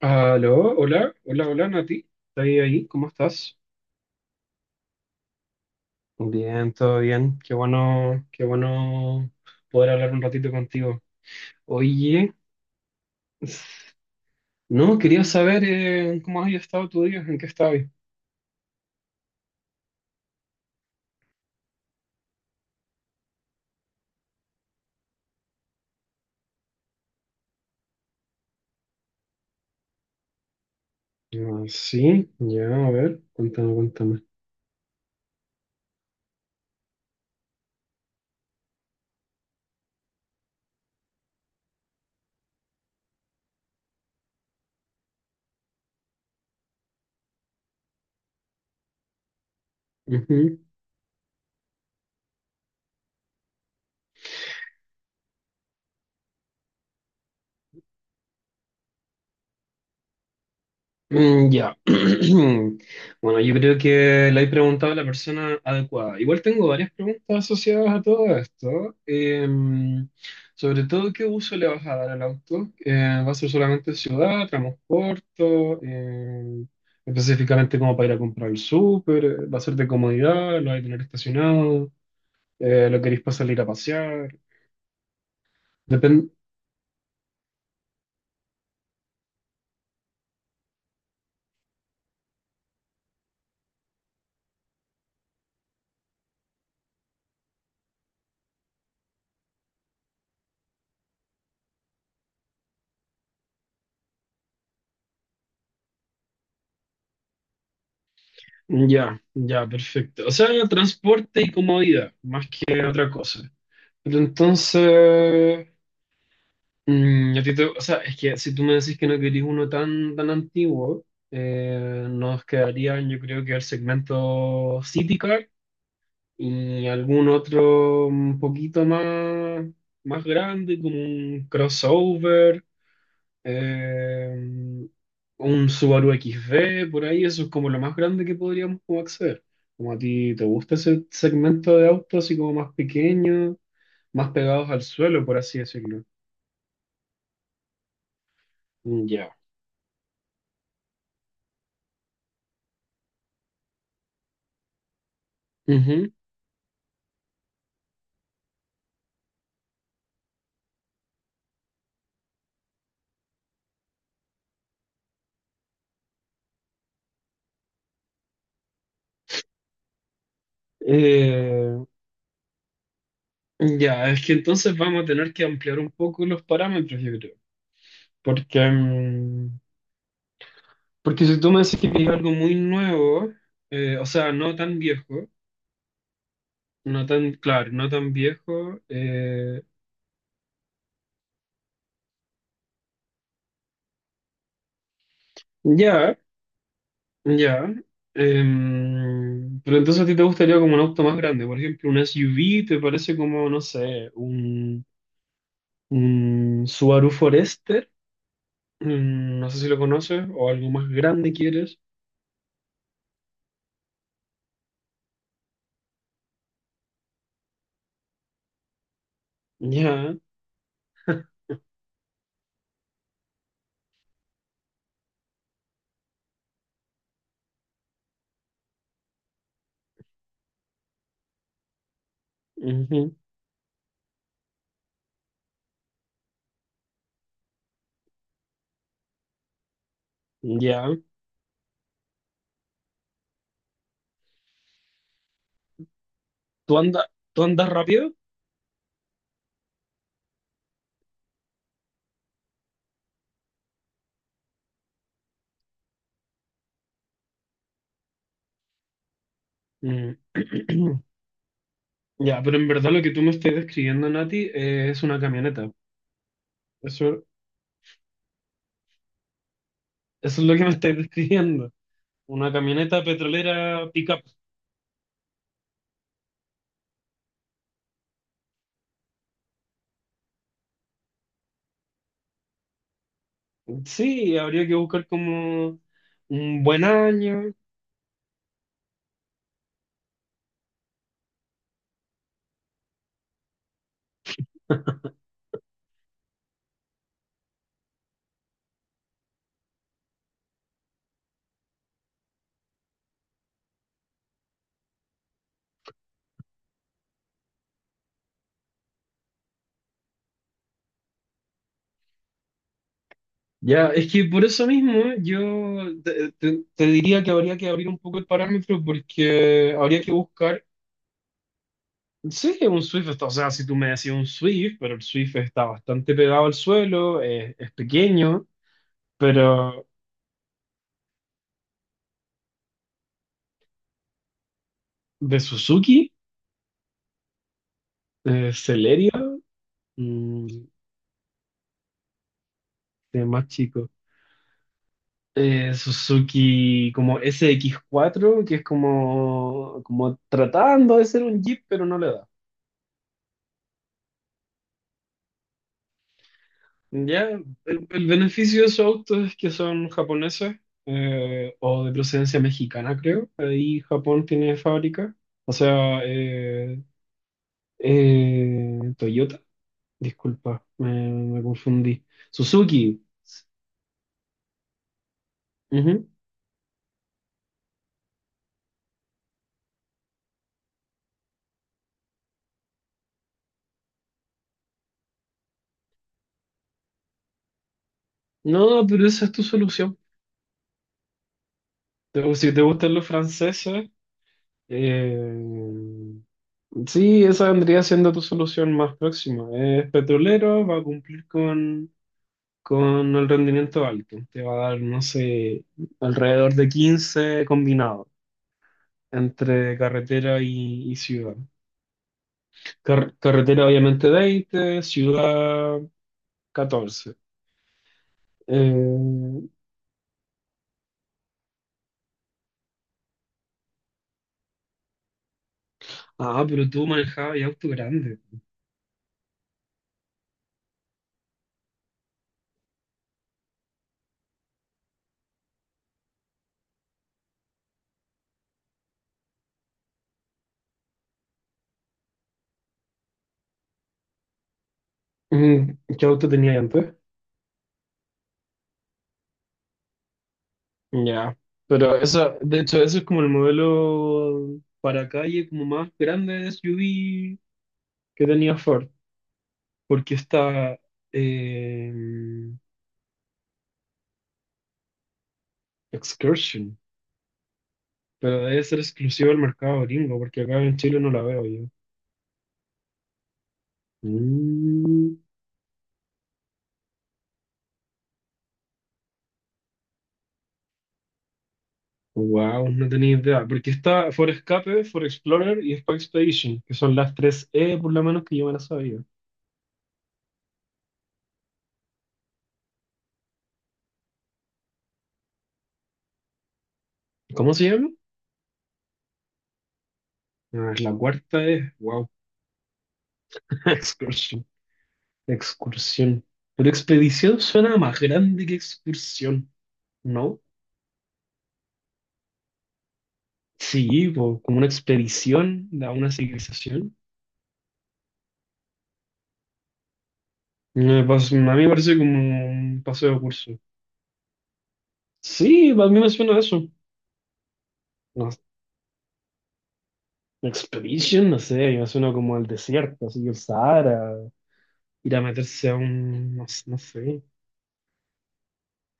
Aló, hola, hola, hola Nati, ¿estás ahí? ¿Cómo estás? Bien, todo bien, qué bueno poder hablar un ratito contigo. Oye, no, quería saber cómo has estado tu día, en qué estabas. Ah, sí, ya, a ver, cuéntame, cuéntame. Ujú. Mm, ya. Bueno, yo creo que le he preguntado a la persona adecuada. Igual tengo varias preguntas asociadas a todo esto. Sobre todo, ¿qué uso le vas a dar al auto? ¿Va a ser solamente ciudad, transporte? eh, Específicamente como para ir a comprar el súper. ¿Va a ser de comodidad? ¿Lo vais a tener estacionado? ¿Lo queréis para salir a pasear? Depende. Ya, ya, perfecto. O sea, transporte y comodidad, más que otra cosa. Pero entonces, a ti o sea, es que si tú me decís que no querís uno tan antiguo, nos quedarían yo creo que el segmento city car y algún otro un poquito más grande, como un crossover, eh, un Subaru XV, por ahí. Eso es como lo más grande que podríamos como acceder. Como a ti te gusta ese segmento de autos así como más pequeño, más pegados al suelo, por así decirlo. Mm, ya. Ujú. Eh, ya, es que entonces vamos a tener que ampliar un poco los parámetros, yo creo. Porque, mm, porque si tú me decís que es algo muy nuevo, o sea, no tan viejo, claro, no tan viejo, ya, ya. Pero entonces a ti te gustaría como un auto más grande, por ejemplo, un SUV. ¿Te parece como, no sé, un Subaru Forester? Mm, no sé si lo conoces o algo más grande quieres. Ya, ujú, ya. ¿Tú andas, tú andas rápido? Mm. Ya, pero en verdad lo que tú me estás describiendo, Nati, es una camioneta. Eso, eso es lo que me estás describiendo. Una camioneta petrolera pickup. Sí, habría que buscar como un buen año. Ya, es que por eso mismo yo te diría que habría que abrir un poco el parámetro porque habría que buscar. Sí, un Swift, o sea, si tú me decías un Swift, pero el Swift está bastante pegado al suelo, es pequeño, pero de Suzuki, Celerio, mm, de más chico. Suzuki como SX4, que es como, tratando de ser un Jeep, pero no le da. Ya, el beneficio de esos autos es que son japoneses, o de procedencia mexicana, creo. Ahí Japón tiene fábrica. O sea, Toyota, disculpa, me confundí. Suzuki. Ujú. No, pero esa es tu solución. Si te gustan los franceses, eh, sí, esa vendría siendo tu solución más próxima. Es petrolero, va a cumplir con el rendimiento alto. Te va a dar, no sé, alrededor de 15 combinado entre carretera y ciudad. Carretera obviamente veinte, ciudad catorce. Eh, pero tú manejabas y auto grande. Mm. ¿Qué auto tenías antes? Ya. Pero eso, de hecho, eso es como el modelo para calle como más grande de SUV que tenía Ford, porque está, eh, Excursion, pero debe ser exclusivo del mercado gringo, porque acá en Chile no la veo yo. Mm. Wow, no tenía idea. Porque está For Escape, For Explorer y Expo Expedition, que son las tres E por lo menos que yo me las sabía. ¿Cómo se llama? Ah, es la cuarta E. Wow. Excursión. Excursión. Pero expedición suena más grande que excursión, ¿no? Sí, po, como una expedición a una civilización. No, a mí me parece como un paseo de curso. Sí, a mí me suena a eso. No, expedition, no sé, me suena como al desierto, así el Sahara. Ir a meterse a un, no, no sé.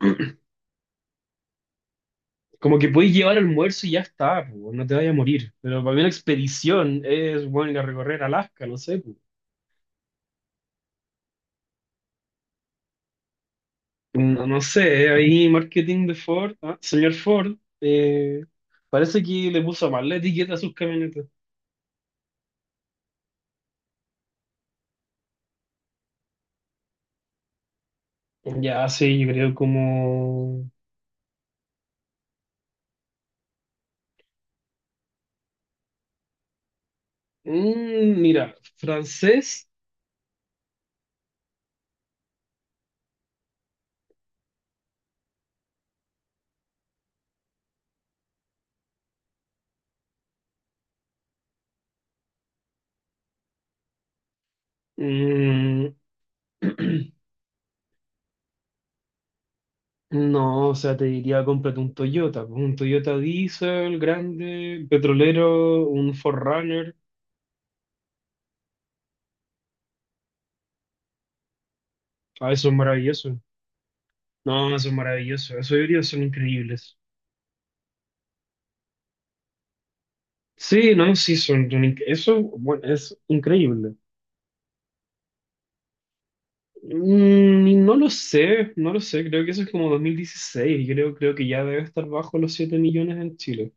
Como que podéis llevar almuerzo y ya está, po, no te vayas a morir. Pero para mí una expedición es, bueno, ir a recorrer Alaska, no sé, po. No, no sé, ahí marketing de Ford, Señor Ford, eh, parece que le puso mal la etiqueta a sus camionetas. Ya, sí, yo creo como... Mm, mira, francés. mm, No, o sea, te diría cómprate un Toyota, pues, un Toyota Diesel grande, petrolero, un 4. Ah, eso es maravilloso. No, eso es maravilloso. Esos híbridos son increíbles. Sí, no, sí, eso, bueno, es increíble. Mm, y no lo sé, no lo sé. Creo que eso es como 2016. Creo que ya debe estar bajo los 7 millones en Chile.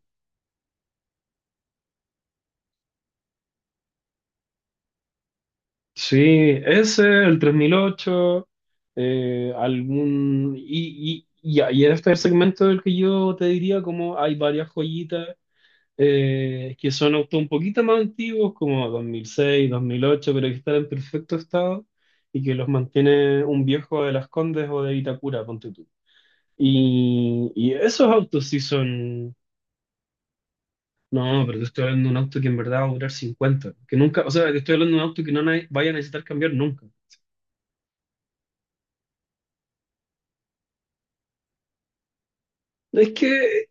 Sí, ese, el 3008, algún... Y este es el segmento del que yo te diría como hay varias joyitas, que son autos un poquito más antiguos, como 2006, 2008, pero que están en perfecto estado y que los mantiene un viejo de Las Condes o de Vitacura, ponte tú. Y esos autos sí son... No, pero te estoy hablando de un auto que en verdad va a durar 50, que nunca, o sea, te estoy hablando de un auto que no vaya a necesitar cambiar nunca. Es que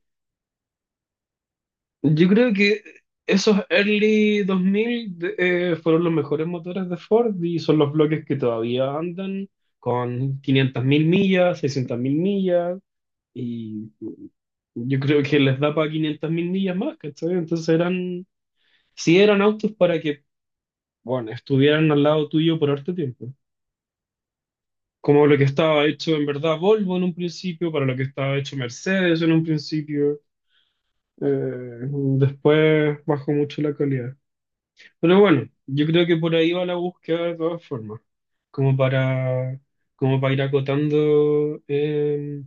yo creo que esos early 2000 fueron los mejores motores de Ford y son los bloques que todavía andan con 500.000 millas, 600.000 millas y yo creo que les da para 500.000 millas más, ¿cachai? Entonces eran, sí eran autos para que, bueno, estuvieran al lado tuyo por harto tiempo. Como lo que estaba hecho en verdad Volvo en un principio, para lo que estaba hecho Mercedes en un principio, eh, después bajó mucho la calidad. Pero bueno, yo creo que por ahí va la búsqueda de todas formas, como para, como para ir acotando,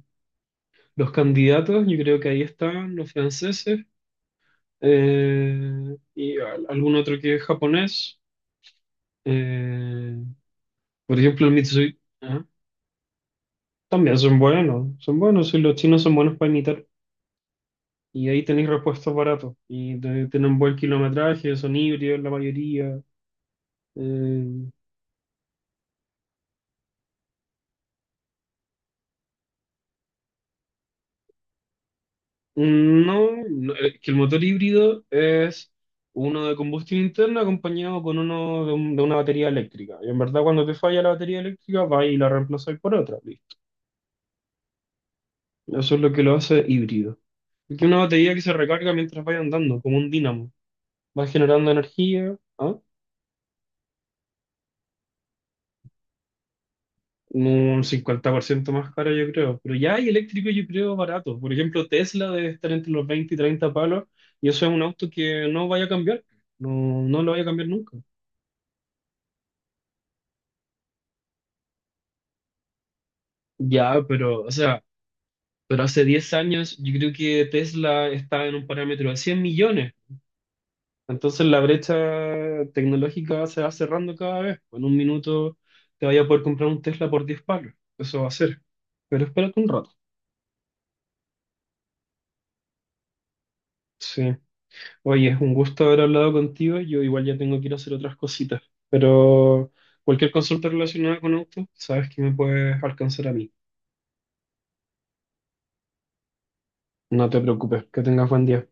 los candidatos. Yo creo que ahí están los franceses, y algún otro que es japonés. eh, por ejemplo, el Mitsui, también son buenos, y los chinos son buenos para imitar. Y ahí tenéis repuestos baratos y tienen buen kilometraje, son híbridos la mayoría. Eh, No, no, que el motor híbrido es uno de, combustión interna acompañado con uno de una batería eléctrica. Y en verdad cuando te falla la batería eléctrica, vas y la reemplazas por otra. Listo. Eso es lo que lo hace híbrido. Es que una batería que se recarga mientras vaya andando, como un dínamo. Va generando energía, ¿ah? Un 50% más cara, yo creo. Pero ya hay eléctrico, yo creo, barato. Por ejemplo, Tesla debe estar entre los 20 y 30 palos, y eso es un auto que no vaya a cambiar. No, no lo vaya a cambiar nunca. Ya, pero, o sea, pero hace 10 años yo creo que Tesla estaba en un parámetro de 100 millones. Entonces la brecha tecnológica se va cerrando cada vez. En un minuto te vaya a poder comprar un Tesla por 10 palos. Eso va a ser. Pero espérate un rato. Sí. Oye, es un gusto haber hablado contigo. Yo igual ya tengo que ir a hacer otras cositas. Pero cualquier consulta relacionada con auto, sabes que me puedes alcanzar a mí. No te preocupes. Que tengas buen día.